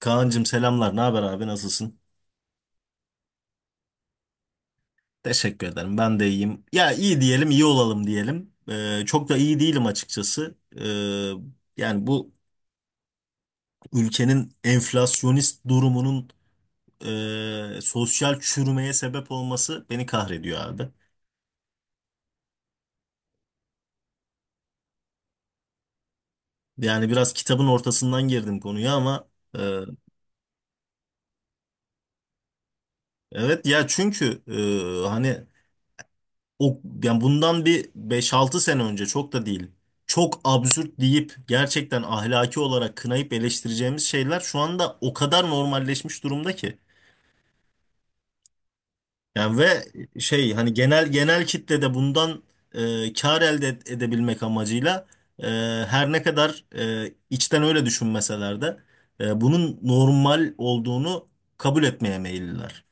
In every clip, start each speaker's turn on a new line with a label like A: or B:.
A: Kaan'cığım selamlar. Ne haber abi? Nasılsın? Teşekkür ederim. Ben de iyiyim. Ya iyi diyelim, iyi olalım diyelim. Çok da iyi değilim açıkçası. Yani bu ülkenin enflasyonist durumunun sosyal çürümeye sebep olması beni kahrediyor abi. Yani biraz kitabın ortasından girdim konuya ama e, evet ya çünkü hani o yani bundan bir beş altı sene önce çok da değil. Çok absürt deyip gerçekten ahlaki olarak kınayıp eleştireceğimiz şeyler şu anda o kadar normalleşmiş durumda ki. Yani ve şey hani genel kitlede bundan kar elde edebilmek amacıyla e, her ne kadar içten öyle düşünmeseler de bunun normal olduğunu kabul etmeye meyilliler.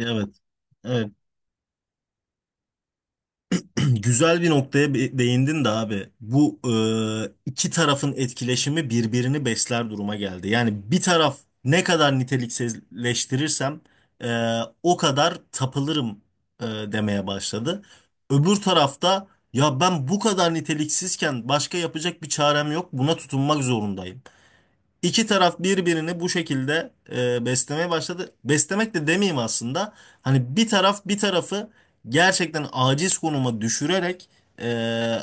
A: Evet. Evet. Güzel bir noktaya değindin de abi. Bu iki tarafın etkileşimi birbirini besler duruma geldi. Yani bir taraf ne kadar niteliksizleştirirsem o kadar tapılırım demeye başladı. Öbür tarafta ya ben bu kadar niteliksizken başka yapacak bir çarem yok. Buna tutunmak zorundayım. İki taraf birbirini bu şekilde beslemeye başladı. Beslemek de demeyeyim aslında. Hani bir taraf bir tarafı gerçekten aciz konuma düşürerek e,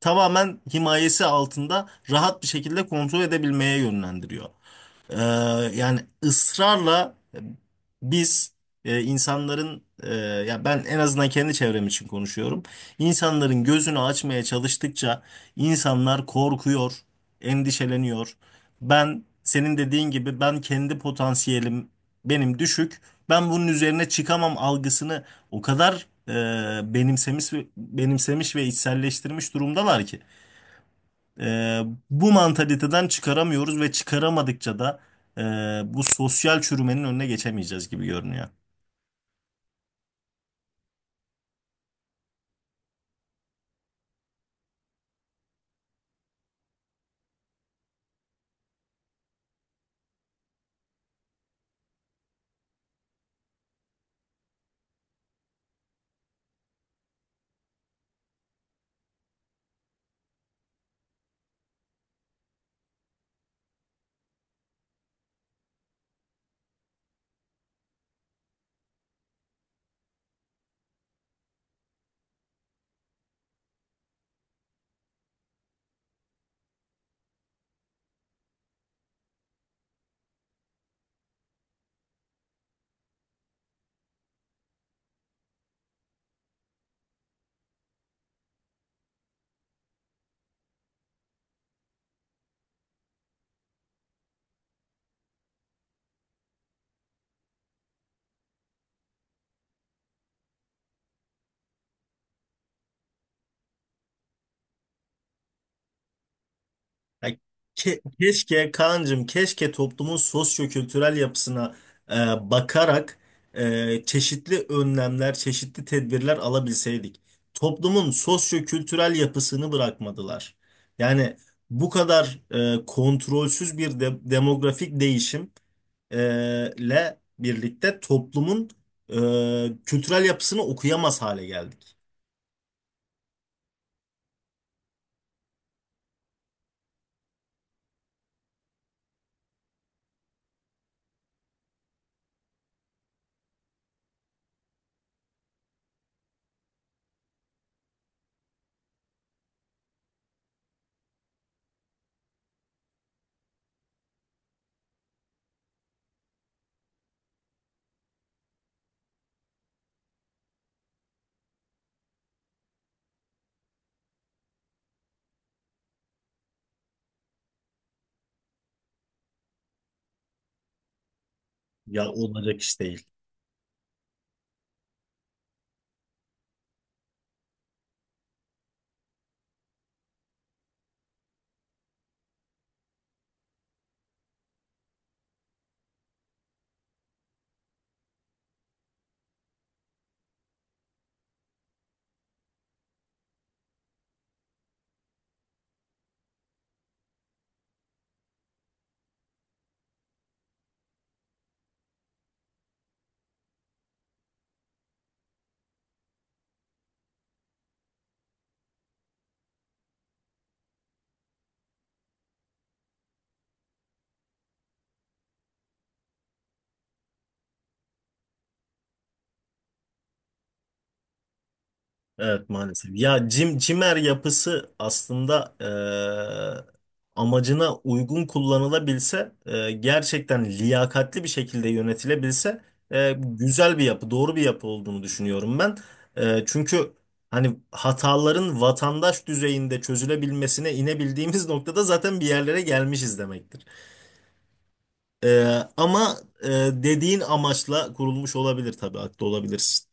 A: tamamen himayesi altında rahat bir şekilde kontrol edebilmeye yönlendiriyor. Ee, Yani ısrarla biz insanların ya ben en azından kendi çevrem için konuşuyorum. İnsanların gözünü açmaya çalıştıkça insanlar korkuyor, endişeleniyor. Ben senin dediğin gibi ben kendi potansiyelim benim düşük. Ben bunun üzerine çıkamam algısını o kadar benimsemiş ve içselleştirmiş durumdalar ki. Ee, Bu mantaliteden çıkaramıyoruz ve çıkaramadıkça da e, bu sosyal çürümenin önüne geçemeyeceğiz gibi görünüyor. Ya keşke Kaan'cığım keşke toplumun sosyo-kültürel yapısına e, bakarak çeşitli önlemler, çeşitli tedbirler alabilseydik. Toplumun sosyo-kültürel yapısını bırakmadılar. Yani bu kadar kontrolsüz bir demografik değişim e, le birlikte toplumun kültürel yapısını okuyamaz hale geldik. Ya olacak iş değil. Evet maalesef. Ya cimer yapısı aslında amacına uygun kullanılabilse, gerçekten liyakatli bir şekilde yönetilebilse güzel bir yapı, doğru bir yapı olduğunu düşünüyorum ben. Çünkü hani hataların vatandaş düzeyinde çözülebilmesine inebildiğimiz noktada zaten bir yerlere gelmişiz demektir. Ama dediğin amaçla kurulmuş olabilir tabii, haklı olabilirsin.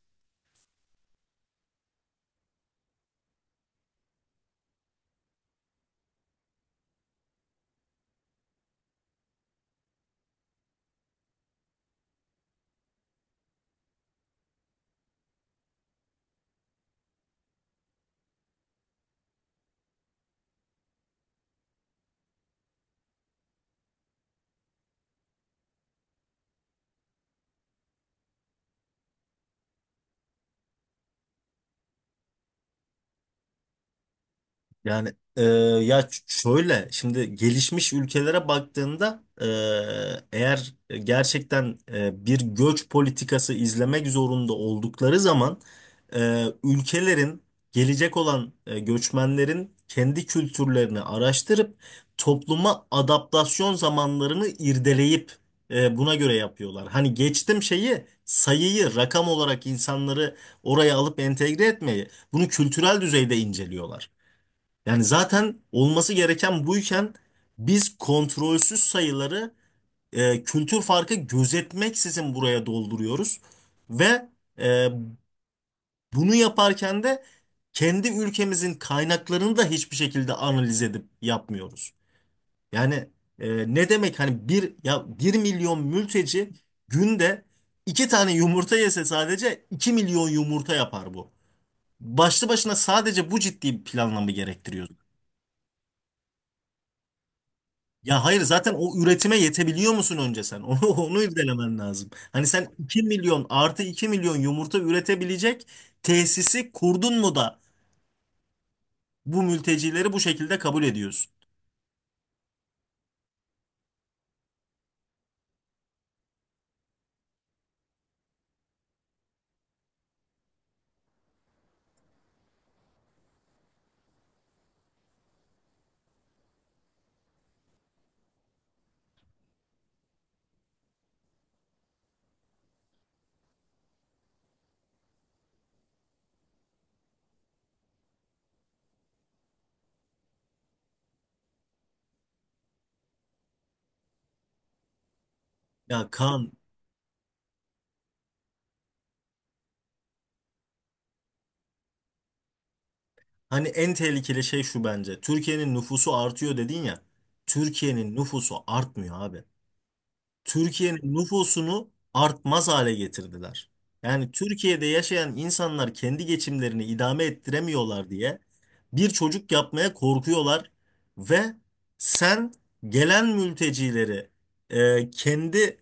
A: Yani e, ya şöyle şimdi gelişmiş ülkelere baktığında eğer gerçekten bir göç politikası izlemek zorunda oldukları zaman ülkelerin gelecek olan göçmenlerin kendi kültürlerini araştırıp topluma adaptasyon zamanlarını irdeleyip buna göre yapıyorlar. Hani geçtim şeyi sayıyı rakam olarak insanları oraya alıp entegre etmeyi bunu kültürel düzeyde inceliyorlar. Yani zaten olması gereken buyken biz kontrolsüz sayıları kültür farkı gözetmeksizin buraya dolduruyoruz. Ve e, bunu yaparken de kendi ülkemizin kaynaklarını da hiçbir şekilde analiz edip yapmıyoruz. Yani ne demek hani bir ya 1 milyon mülteci günde iki tane yumurta yese sadece 2 milyon yumurta yapar bu. Başlı başına sadece bu ciddi bir planlama gerektiriyor. Ya hayır zaten o üretime yetebiliyor musun önce sen? Onu irdelemen lazım. Hani sen 2 milyon artı 2 milyon yumurta üretebilecek tesisi kurdun mu da bu mültecileri bu şekilde kabul ediyorsun? Ya Kaan hani en tehlikeli şey şu bence. Türkiye'nin nüfusu artıyor dedin ya. Türkiye'nin nüfusu artmıyor abi. Türkiye'nin nüfusunu artmaz hale getirdiler. Yani Türkiye'de yaşayan insanlar kendi geçimlerini idame ettiremiyorlar diye bir çocuk yapmaya korkuyorlar ve sen gelen mültecileri kendi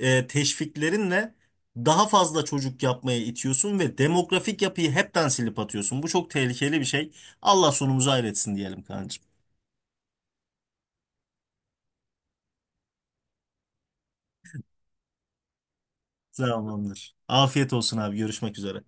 A: teşviklerinle daha fazla çocuk yapmaya itiyorsun ve demografik yapıyı hepten silip atıyorsun. Bu çok tehlikeli bir şey. Allah sonumuzu hayretsin diyelim kancım. Tamamdır. Afiyet olsun abi. Görüşmek üzere.